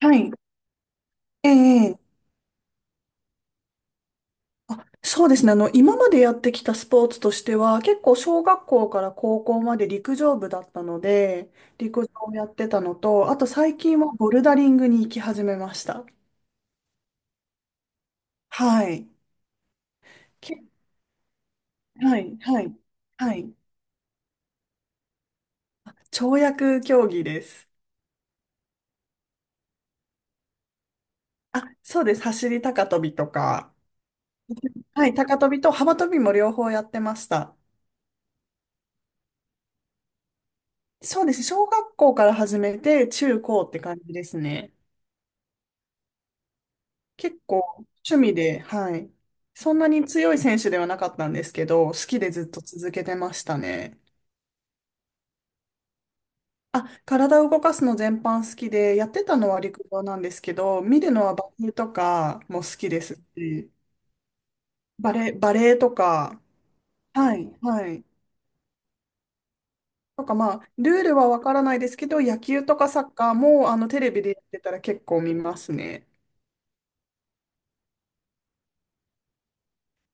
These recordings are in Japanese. はい。ええあ、そうですね。今までやってきたスポーツとしては、結構小学校から高校まで陸上部だったので、陸上をやってたのと、あと最近はボルダリングに行き始めました。はい。け、はい、はい、はい。跳躍競技です。あ、そうです。走り高跳びとか。はい、高跳びと幅跳びも両方やってました。そうです。小学校から始めて、中高って感じですね。結構趣味で、はい。そんなに強い選手ではなかったんですけど、好きでずっと続けてましたね。あ、体を動かすの全般好きで、やってたのは陸上なんですけど、見るのはバレエとかも好きですし、バレエとか、はい、はい。とかルールはわからないですけど、野球とかサッカーもテレビでやってたら結構見ますね。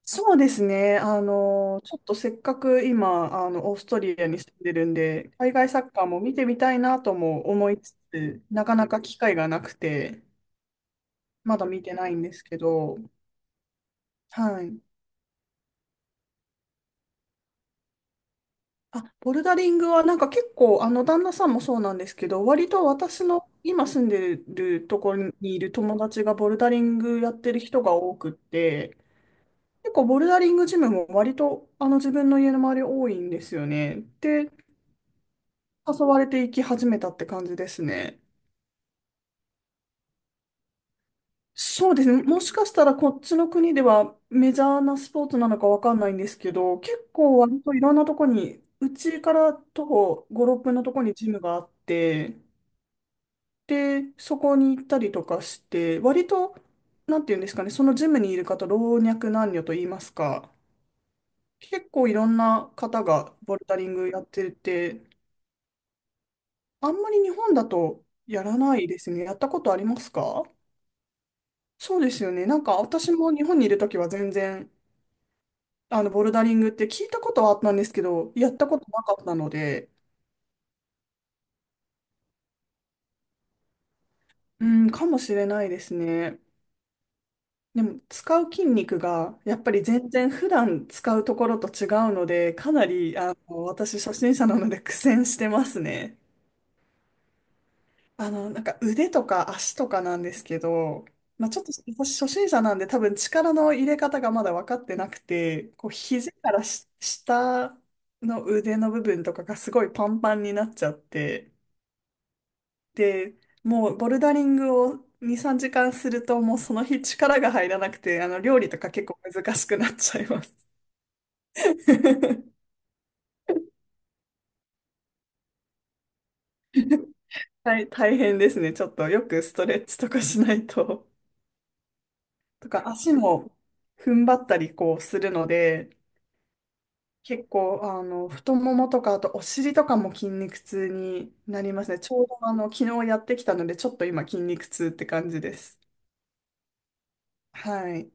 そうですね。ちょっとせっかく今、オーストリアに住んでるんで、海外サッカーも見てみたいなとも思いつつ、なかなか機会がなくて、まだ見てないんですけど、はい。あ、ボルダリングはなんか結構、旦那さんもそうなんですけど、割と私の今住んでるところにいる友達がボルダリングやってる人が多くって、結構ボルダリングジムも割と自分の家の周り多いんですよね。で、誘われていき始めたって感じですね。そうですね。もしかしたらこっちの国ではメジャーなスポーツなのかわかんないんですけど、結構割といろんなとこに、うちから徒歩5、6分のとこにジムがあって、で、そこに行ったりとかして、割と、なんていうんですかね、そのジムにいる方、老若男女と言いますか、結構いろんな方がボルダリングやってて、あんまり日本だとやらないですね。やったことありますか？そうですよね。なんか私も日本にいるときは全然、ボルダリングって聞いたことはあったんですけど、やったことなかったので、うん、かもしれないですね。でも、使う筋肉が、やっぱり全然普段使うところと違うので、かなり、私初心者なので苦戦してますね。なんか腕とか足とかなんですけど、まあ、ちょっと私初心者なんで多分力の入れ方がまだ分かってなくて、こう肘からし下の腕の部分とかがすごいパンパンになっちゃって、で、もうボルダリングを2、3時間するともうその日力が入らなくて、料理とか結構難しくなっちゃいます。大変ですね。ちょっとよくストレッチとかしないと。とか足も踏ん張ったりこうするので、結構、太ももとか、あとお尻とかも筋肉痛になりますね。ちょうど、昨日やってきたので、ちょっと今、筋肉痛って感じです。はい。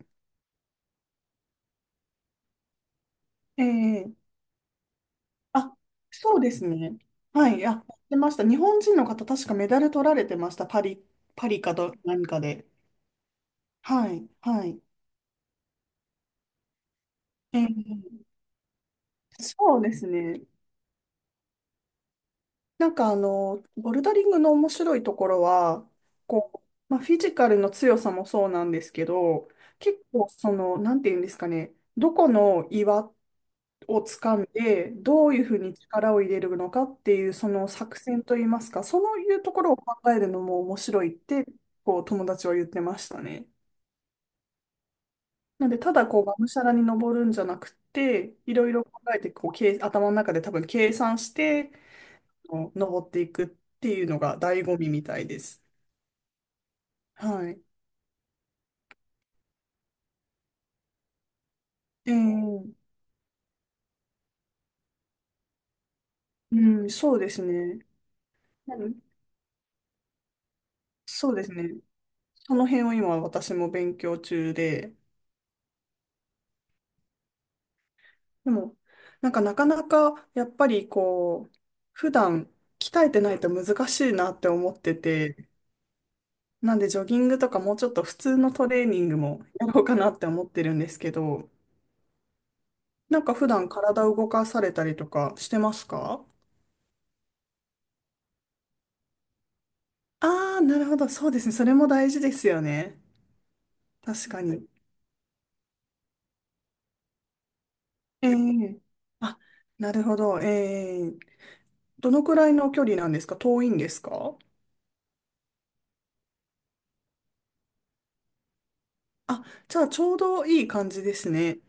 ええあ、そうですね。はい。あ、やってました。日本人の方、確かメダル取られてました。パリ、パリかと何かで。はい。はい。ええそうですね。なんかボルダリングの面白いところは、こう、まあ、フィジカルの強さもそうなんですけど、結構その、なんていうんですかね、どこの岩を掴んで、どういうふうに力を入れるのかっていう、その作戦といいますか、そういうところを考えるのも面白いって、こう、友達は言ってましたね。なんで、ただこう、がむしゃらに登るんじゃなくて、いろいろ考えて、こう、頭の中で多分計算しての登っていくっていうのが醍醐味みたいです。はい。えー、うん、そうですね。うんそうですね。その辺を今私も勉強中で、でも、なんかなかなかやっぱりこう、普段鍛えてないと難しいなって思ってて、なんでジョギングとかもうちょっと普通のトレーニングもやろうかなって思ってるんですけど、なんか普段体を動かされたりとかしてますか？ああー、なるほど。そうですね。それも大事ですよね。確かに。ええあ、なるほど。どのくらいの距離なんですか？遠いんですか？あ、じゃあちょうどいい感じですね。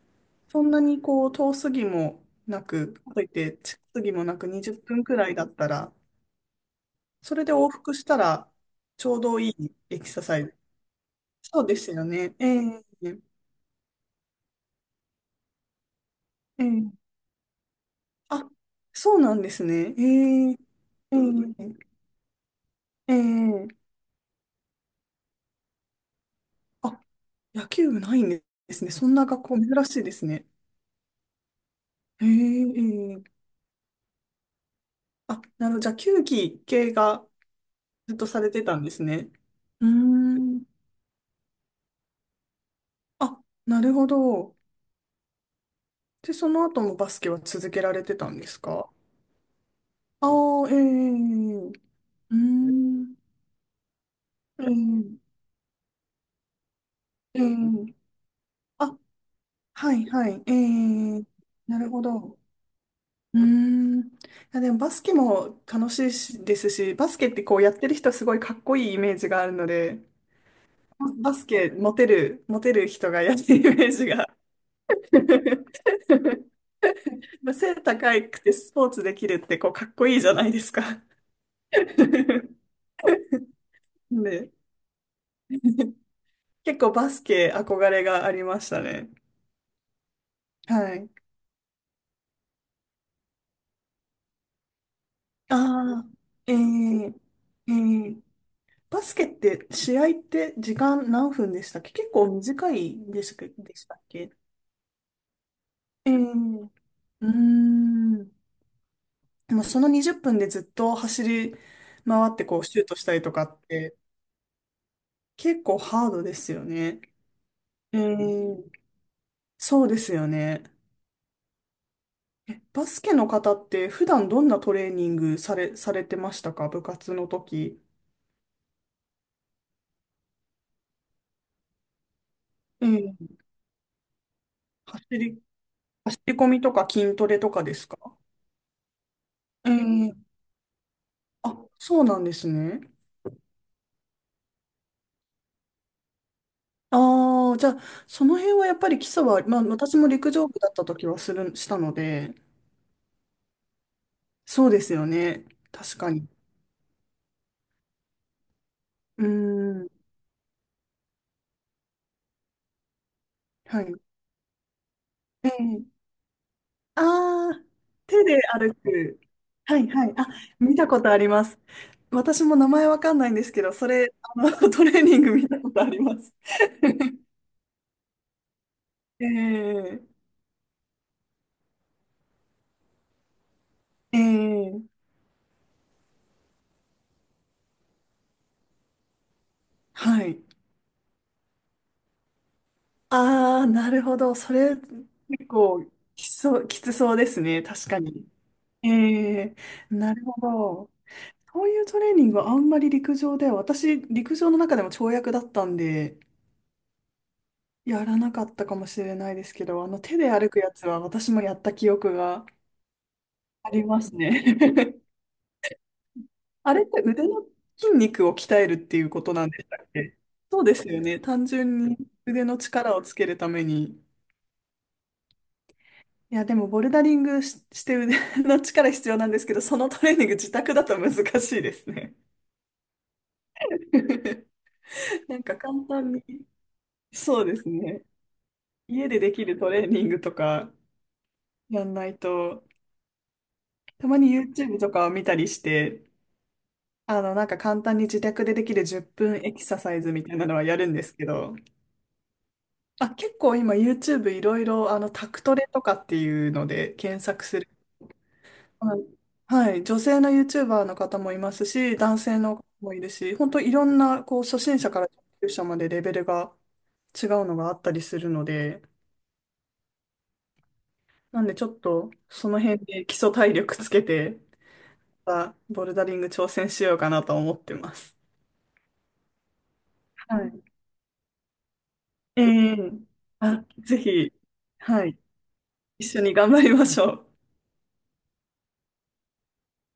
そんなにこう遠すぎもなく、かといって近すぎもなく20分くらいだったら、それで往復したらちょうどいいエクササイズ。そうですよね。ええあ、そうなんですね。ええええあ、野球部ないんですね。そんな学校珍しいですね。へえ、ええあ、なるほど。じゃあ、球技系がずっとされてたんですね。うーん。あ、なるほど。で、その後もバスケは続けられてたんですか？ああ、ええ、うーん。ええ、ええ。あ、はい、はい、ええ。なるほど。うーん。いや、でもバスケも楽しいしですし、バスケってこうやってる人すごいかっこいいイメージがあるので、バスケモテる、モテる人がやってるイメージが。まあ背高くてスポーツできるってこうかっこいいじゃないですか？ で、結構バスケ憧れがありましたね。はい。ああ、えー、えー、バスケって試合って時間何分でしたっけ？結構短いでしたっけ、でしたっけ？えー、うーん。でもその20分でずっと走り回ってこうシュートしたりとかって結構ハードですよね。えーそうですよね。え、バスケの方って普段どんなトレーニングされされてましたか？部活の時。ええ、走り、走り込みとか筋トレとかですか？ええ、あ、そうなんですね。ああ、じゃあ、その辺はやっぱり基礎は、まあ私も陸上部だった時はしたので、そうですよね。確かに。うーん。はい。ええ、ああ、手で歩く。はいはい。あ、見たことあります。私も名前わかんないんですけど、それ、トレーニング見たことあります。ええええはい。ああ、なるほど。それ、結構、きつそうですね。確かに。ええなるほど。そういうトレーニングはあんまり陸上では、私、陸上の中でも跳躍だったんで、やらなかったかもしれないですけど、手で歩くやつは私もやった記憶がありますね。あれって腕の筋肉を鍛えるっていうことなんでしたっけ？そうですよね。単純に腕の力をつけるために。いや、でもボルダリングし、して腕の力必要なんですけど、そのトレーニング自宅だと難しいですね。なんか簡単に、そうですね。家でできるトレーニングとかやんないと、たまに YouTube とかを見たりして、なんか簡単に自宅でできる10分エクササイズみたいなのはやるんですけど、あ、結構今 YouTube いろいろタクトレとかっていうので検索する。はい。はい女性の YouTuber の方もいますし、男性の方もいるし、本当いろんなこう初心者から上級者までレベルが違うのがあったりするので、なんでちょっとその辺で基礎体力つけて、またボルダリング挑戦しようかなと思ってます。はい。ええあ、ぜひ、はい。一緒に頑張りましょう。